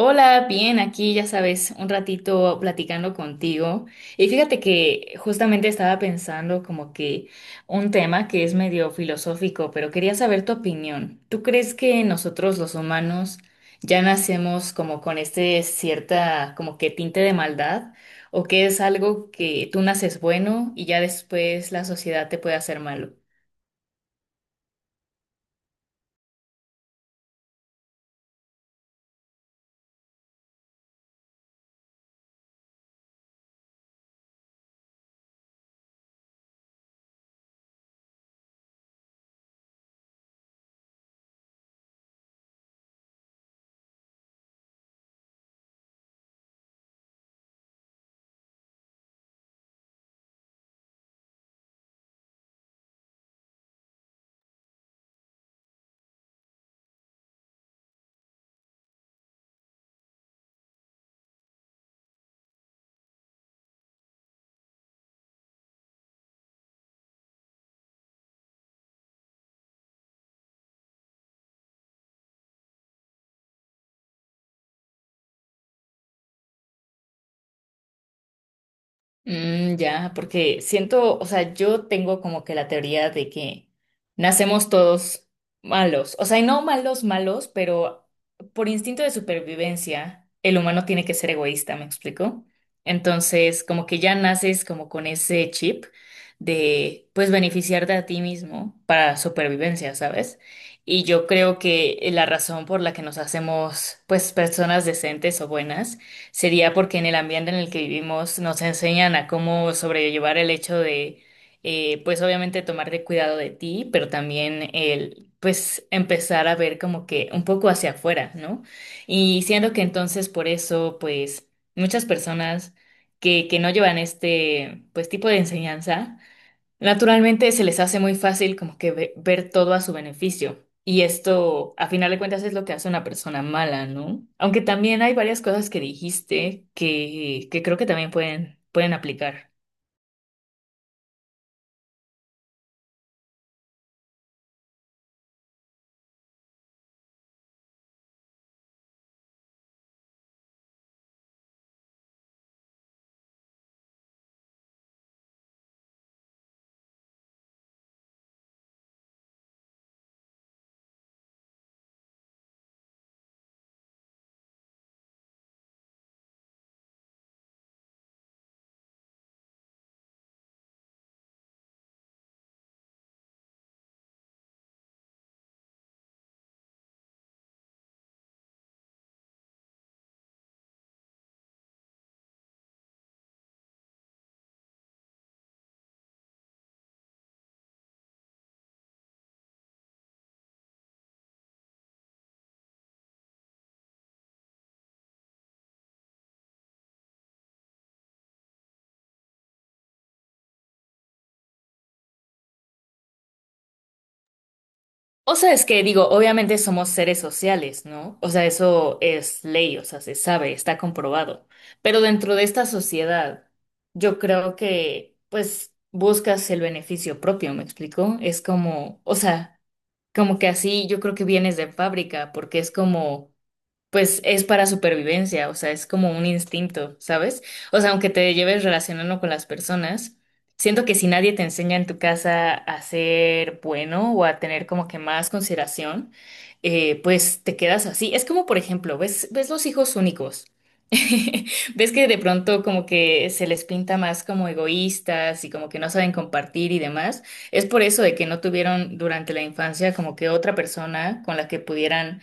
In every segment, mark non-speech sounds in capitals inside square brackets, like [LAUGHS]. Hola, bien, aquí ya sabes, un ratito platicando contigo. Y fíjate que justamente estaba pensando como que un tema que es medio filosófico, pero quería saber tu opinión. ¿Tú crees que nosotros los humanos ya nacemos como con este cierta como que tinte de maldad? ¿O que es algo que tú naces bueno y ya después la sociedad te puede hacer malo? Ya, porque siento, o sea, yo tengo como que la teoría de que nacemos todos malos, o sea, y no malos, malos, pero por instinto de supervivencia, el humano tiene que ser egoísta, ¿me explico? Entonces, como que ya naces como con ese chip de, pues, beneficiarte a ti mismo para supervivencia, ¿sabes? Y yo creo que la razón por la que nos hacemos, pues, personas decentes o buenas sería porque en el ambiente en el que vivimos nos enseñan a cómo sobrellevar el hecho de, pues obviamente tomar de cuidado de ti, pero también el, pues empezar a ver como que un poco hacia afuera, ¿no? Y siendo que entonces por eso, pues muchas personas que no llevan este, pues tipo de enseñanza, naturalmente se les hace muy fácil como que ver todo a su beneficio. Y esto, a final de cuentas, es lo que hace una persona mala, ¿no? Aunque también hay varias cosas que dijiste que creo que también pueden, pueden aplicar. O sea, es que digo, obviamente somos seres sociales, ¿no? O sea, eso es ley, o sea, se sabe, está comprobado. Pero dentro de esta sociedad, yo creo que, pues, buscas el beneficio propio, ¿me explico? Es como, o sea... Como que así yo creo que vienes de fábrica, porque es como, pues es para supervivencia, o sea, es como un instinto, ¿sabes? O sea, aunque te lleves relacionando con las personas, siento que si nadie te enseña en tu casa a ser bueno o a tener como que más consideración, pues te quedas así. Es como, por ejemplo, ves los hijos únicos. [LAUGHS] Ves que de pronto como que se les pinta más como egoístas y como que no saben compartir y demás. Es por eso de que no tuvieron durante la infancia como que otra persona con la que pudieran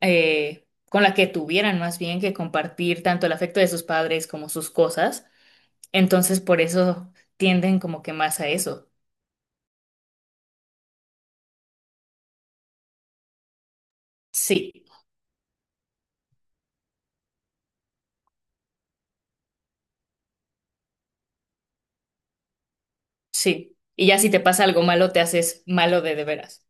eh, con la que tuvieran más bien que compartir tanto el afecto de sus padres como sus cosas. Entonces, por eso tienden como que más a eso. Sí, sí. Y ya si te pasa algo malo, te haces malo de veras.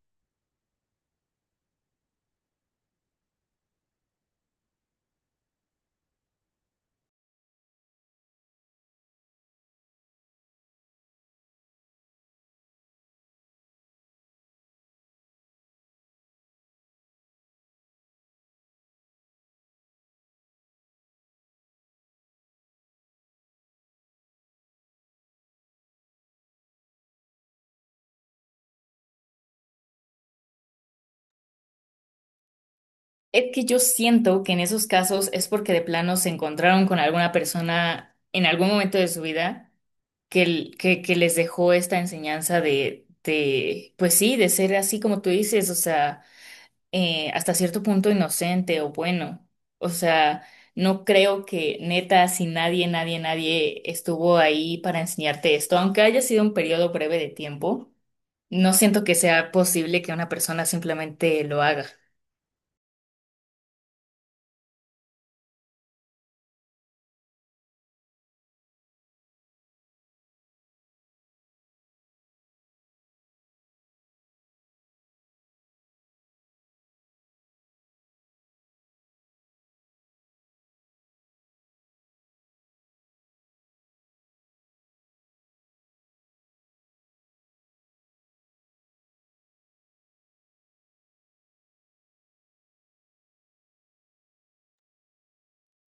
Es que yo siento que en esos casos es porque de plano se encontraron con alguna persona en algún momento de su vida que, que les dejó esta enseñanza de, pues sí, de ser así como tú dices, o sea, hasta cierto punto inocente o bueno. O sea, no creo que neta, si nadie, nadie, nadie estuvo ahí para enseñarte esto, aunque haya sido un periodo breve de tiempo, no siento que sea posible que una persona simplemente lo haga.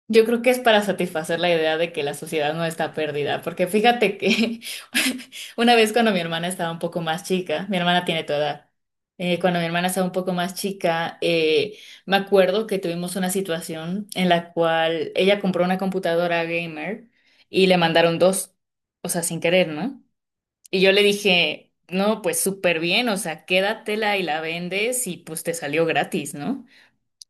Yo creo que es para satisfacer la idea de que la sociedad no está perdida, porque fíjate que [LAUGHS] una vez cuando mi hermana estaba un poco más chica, mi hermana tiene tu edad, cuando mi hermana estaba un poco más chica, me acuerdo que tuvimos una situación en la cual ella compró una computadora gamer y le mandaron dos, o sea, sin querer, ¿no? Y yo le dije, no, pues súper bien, o sea, quédatela y la vendes y pues te salió gratis, ¿no?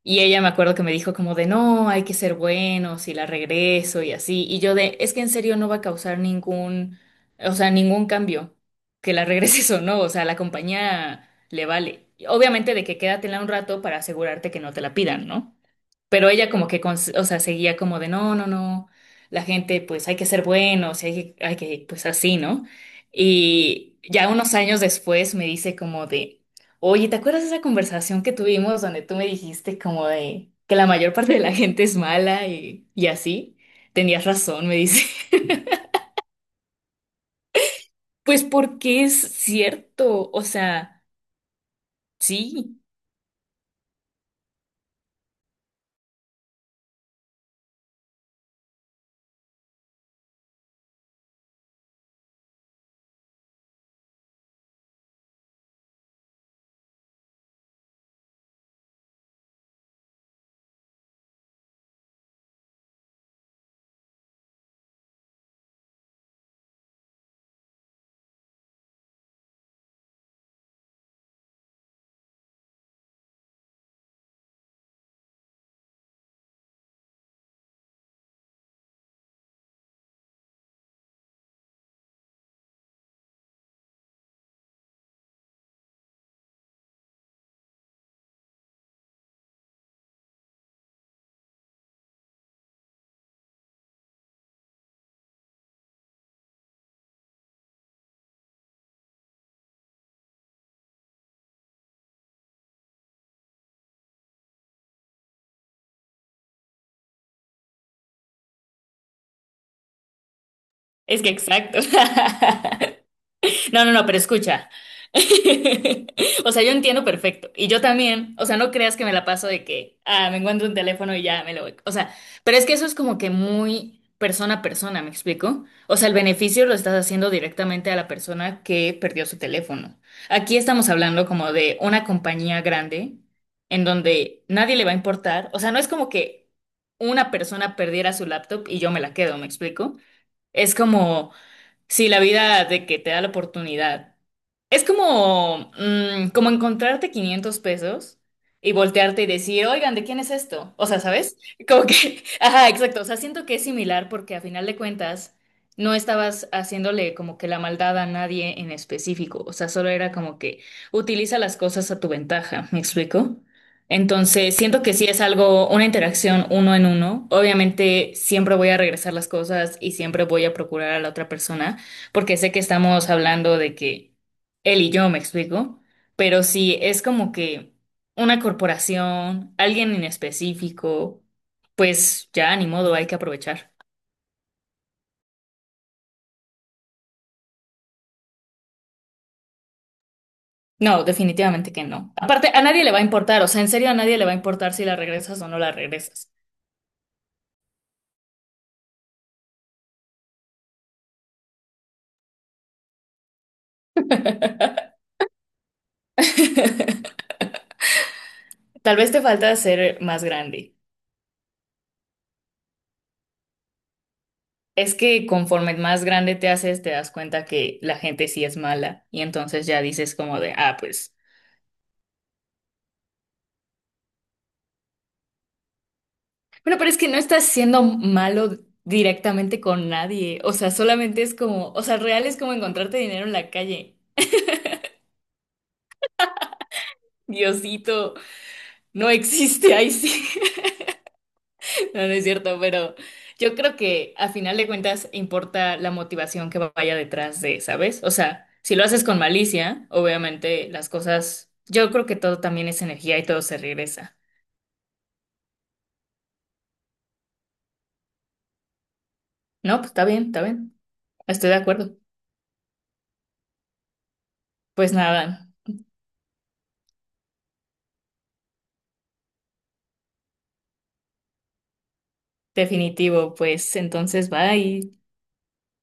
Y ella me acuerdo que me dijo como de no, hay que ser buenos y la regreso y así. Y yo de, es que en serio no va a causar ningún, o sea, ningún cambio que la regreses o no. O sea, a la compañía le vale. Y obviamente de que quédatela un rato para asegurarte que no te la pidan, ¿no? Pero ella como que, o sea, seguía como de, no, no, no, la gente pues hay que ser buenos, hay que, pues así, ¿no? Y ya unos años después me dice como de, oye, ¿te acuerdas de esa conversación que tuvimos donde tú me dijiste como de que la mayor parte de la gente es mala y así? Tenías razón, me dice. [LAUGHS] Pues porque es cierto, o sea, sí, es que exacto. [LAUGHS] No, no, no, pero escucha. [LAUGHS] O sea, yo entiendo perfecto. Y yo también. O sea, no creas que me la paso de que, ah, me encuentro un teléfono y ya me lo voy. O sea, pero es que eso es como que muy persona a persona, ¿me explico? O sea, el beneficio lo estás haciendo directamente a la persona que perdió su teléfono. Aquí estamos hablando como de una compañía grande en donde nadie le va a importar. O sea, no es como que una persona perdiera su laptop y yo me la quedo, ¿me explico? Es como. Sí, la vida de que te da la oportunidad. Es como, como encontrarte 500 pesos y voltearte y decir, oigan, ¿de quién es esto? O sea, ¿sabes? Como que, [LAUGHS] ajá, exacto. O sea, siento que es similar porque a final de cuentas no estabas haciéndole como que la maldad a nadie en específico. O sea, solo era como que utiliza las cosas a tu ventaja. ¿Me explico? Entonces, siento que sí es algo, una interacción uno en uno. Obviamente, siempre voy a regresar las cosas y siempre voy a procurar a la otra persona porque sé que estamos hablando de que él y yo me explico, pero si es como que una corporación, alguien en específico, pues ya ni modo, hay que aprovechar. No, definitivamente que no. Aparte, a nadie le va a importar, o sea, en serio a nadie le va a importar si la regresas o no la regresas. Tal vez te falta ser más grande. Es que conforme más grande te haces, te das cuenta que la gente sí es mala y entonces ya dices como de, ah, pues... Bueno, pero es que no estás siendo malo directamente con nadie. O sea, solamente es como, o sea, real es como encontrarte dinero en la calle. Diosito, no existe ahí sí. [LAUGHS] No, no es cierto, pero yo creo que a final de cuentas importa la motivación que vaya detrás de, ¿sabes? O sea, si lo haces con malicia, obviamente las cosas, yo creo que todo también es energía y todo se regresa. No, pues está bien, está bien. Estoy de acuerdo. Pues nada, definitivo, pues entonces bye.